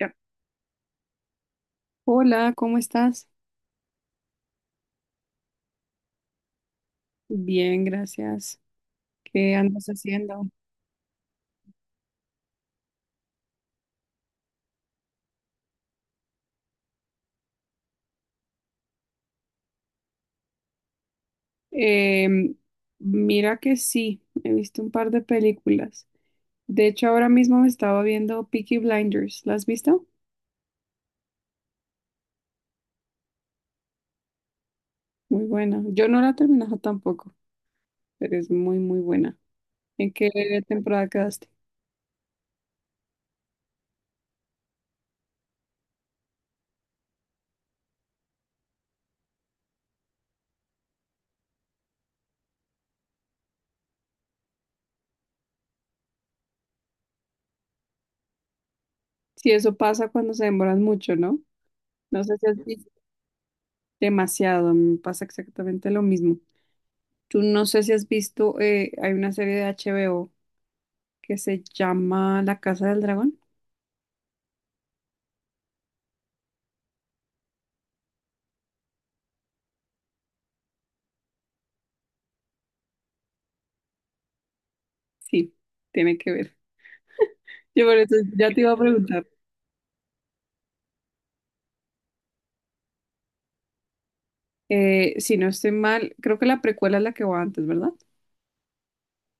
Ya. Hola, ¿cómo estás? Bien, gracias. ¿Qué andas haciendo? Em, mira que sí, he visto un par de películas. De hecho, ahora mismo me estaba viendo Peaky Blinders. ¿La has visto? Muy buena. Yo no la he terminado tampoco, pero es muy, muy buena. ¿En qué temporada quedaste? Sí, eso pasa cuando se demoran mucho, ¿no? No sé si has visto demasiado, me pasa exactamente lo mismo. Tú no sé si has visto, hay una serie de HBO que se llama La Casa del Dragón. Sí, tiene que ver. Yo por eso ya te iba a preguntar. Si no estoy mal, creo que la precuela es la que va antes, ¿verdad?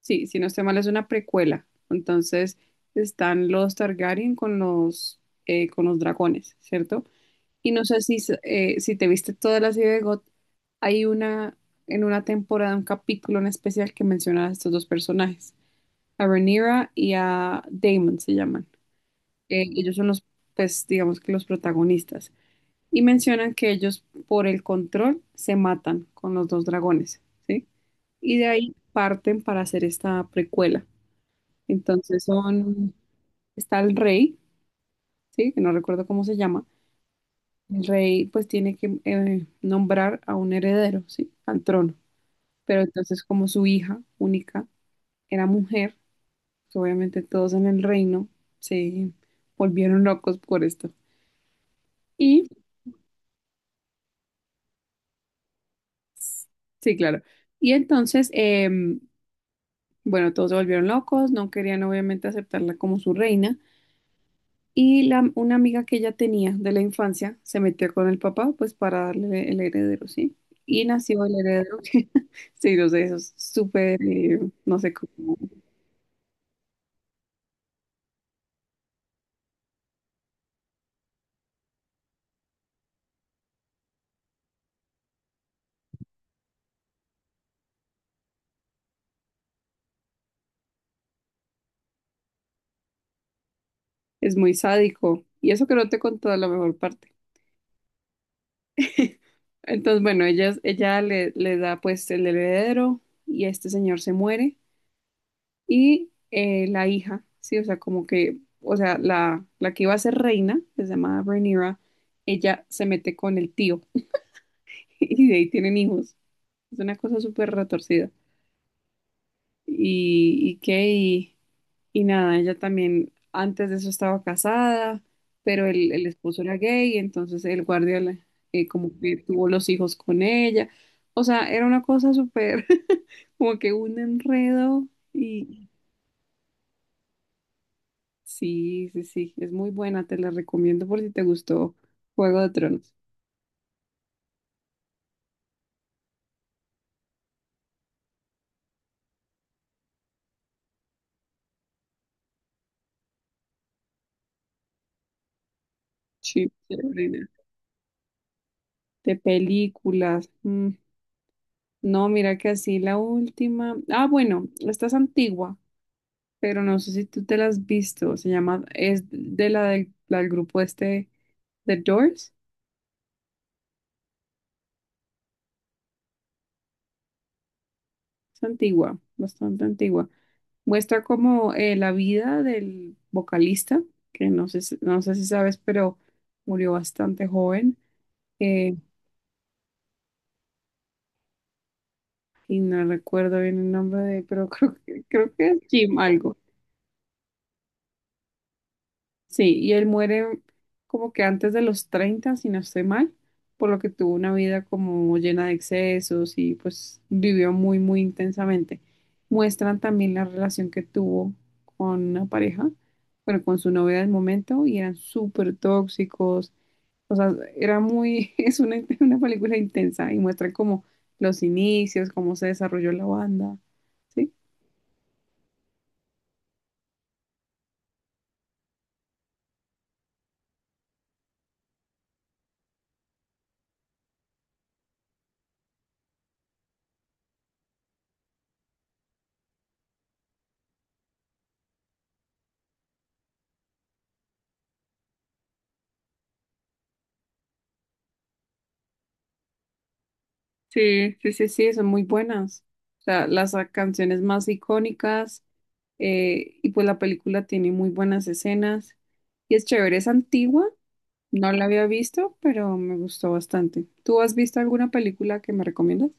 Sí, si no estoy mal, es una precuela. Entonces están los Targaryen con los dragones, ¿cierto? Y no sé si te viste toda la serie de GOT, hay una, en una temporada, un capítulo en especial que menciona a estos dos personajes, a Rhaenyra y a Daemon se llaman. Ellos son los, pues digamos que los protagonistas, y mencionan que ellos por el control se matan con los dos dragones, ¿sí? Y de ahí parten para hacer esta precuela. Entonces son, está el rey, ¿sí? Que no recuerdo cómo se llama. El rey pues tiene que nombrar a un heredero, ¿sí? Al trono. Pero entonces como su hija única era mujer, pues, obviamente todos en el reino se volvieron locos por esto. Y. Sí, claro. Y entonces, bueno, todos se volvieron locos, no querían obviamente aceptarla como su reina. Y la, una amiga que ella tenía de la infancia se metió con el papá, pues para darle el heredero, ¿sí? Y nació el heredero. Sí, no sé, eso es súper, no sé cómo, es muy sádico. Y eso que no te contó la mejor parte. Entonces, bueno, ella le, le da pues el heredero y este señor se muere. Y la hija, sí, o sea, como que, o sea, la que iba a ser reina, que se llamaba Rhaenyra, ella se mete con el tío y de ahí tienen hijos. Es una cosa súper retorcida. Y qué, y nada, ella también antes de eso estaba casada, pero el esposo era gay, entonces el guardia como que tuvo los hijos con ella. O sea, era una cosa súper, como que un enredo. Sí, sí, sí, es muy buena, te la recomiendo por si te gustó Juego de Tronos. Sí, chévere. De películas. No, mira que así la última. Ah, bueno, esta es antigua, pero no sé si tú te la has visto. Se llama, es de la del grupo este, The Doors. Es antigua, bastante antigua. Muestra como la vida del vocalista, que no sé, no sé si sabes, pero murió bastante joven. eh, y no recuerdo bien el nombre de, pero creo que es Jim algo. Sí, y él muere como que antes de los 30 si no estoy mal, por lo que tuvo una vida como llena de excesos y pues vivió muy, muy intensamente. Muestran también la relación que tuvo con una pareja, bueno, con su novia del momento y eran súper tóxicos. O sea, era muy, es una película intensa y muestra como los inicios, cómo se desarrolló la banda, ¿sí? Sí, sí, sí, sí, son muy buenas. O sea, las canciones más icónicas y pues la película tiene muy buenas escenas y es chévere, es antigua, no la había visto, pero me gustó bastante. ¿Tú has visto alguna película que me recomiendas?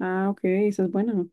Ah, ok, esa es buena,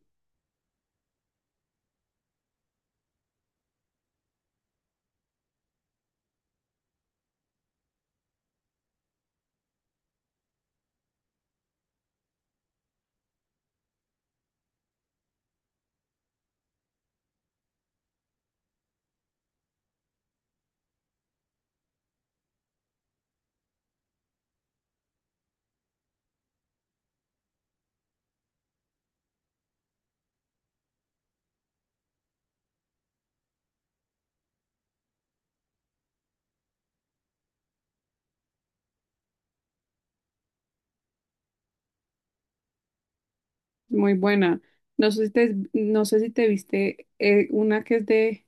muy buena. No sé si te, no sé si te viste una que es de,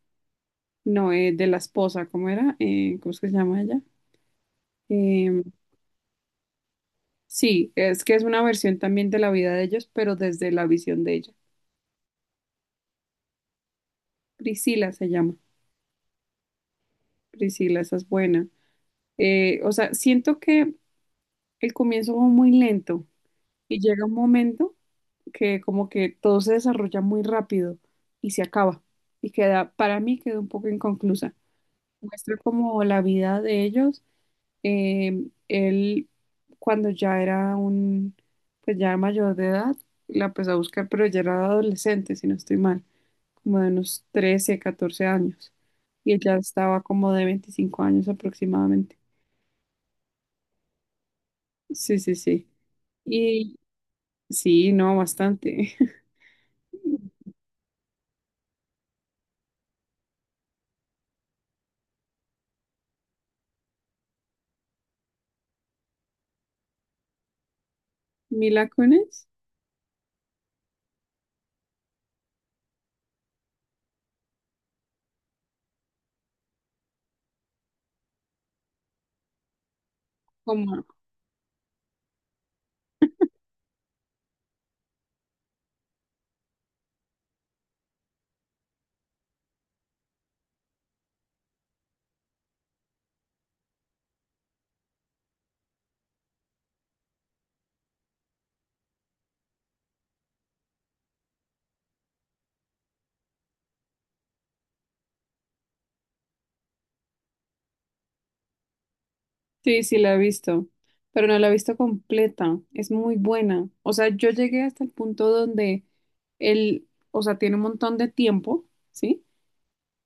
no, eh, de la esposa, ¿cómo era? ¿Cómo es que se llama ella? Em, sí, es que es una versión también de la vida de ellos, pero desde la visión de ellos. Priscila se llama. Priscila, esa es buena. O sea, siento que el comienzo va muy lento y llega un momento que como que todo se desarrolla muy rápido y se acaba. Y queda, para mí queda un poco inconclusa. Muestra como la vida de ellos. Él, cuando ya era un, pues ya era mayor de edad, la empezó a buscar, pero ya era adolescente, si no estoy mal. Como de unos 13 14 años. Y ella estaba como de 25 años aproximadamente. Sí, sí, sí. Y sí, no, bastante. Mila Kunis, como, sí, sí la he visto, pero no la he visto completa, es muy buena. O sea, yo llegué hasta el punto donde él, o sea, tiene un montón de tiempo, ¿sí?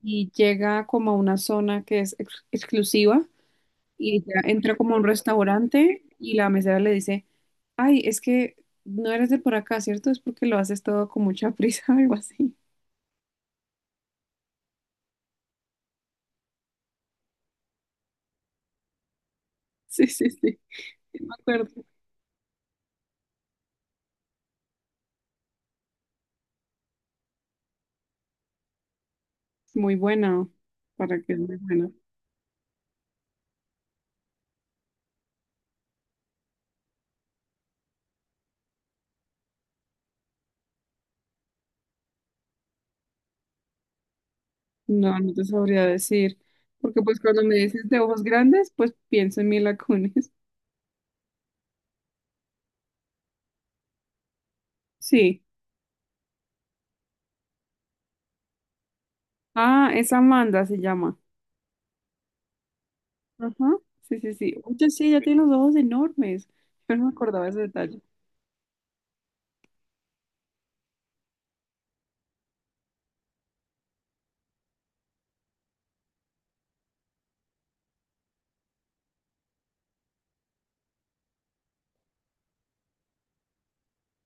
Y llega como a una zona que es exclusiva y ella entra como a un restaurante y la mesera le dice, Ay, es que no eres de por acá, ¿cierto? Es porque lo haces todo con mucha prisa algo así. Sí, sí, sí. Sí, me acuerdo. Es muy buena. ¿Para qué es muy buena? No, no te sabría decir. Porque pues cuando me dices de ojos grandes, pues pienso en Mila Kunis. Sí. Ah, es Amanda se llama. Ajá. Sí, sí, sí. Oye, sí, ella tiene los ojos enormes. Yo no me acordaba de ese detalle.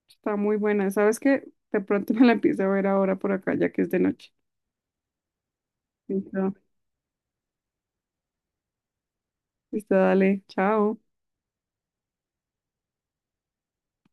Está muy buena. ¿Sabes qué? De pronto me la empiezo a ver ahora por acá, ya que es de noche. Listo. Listo, dale. Chao.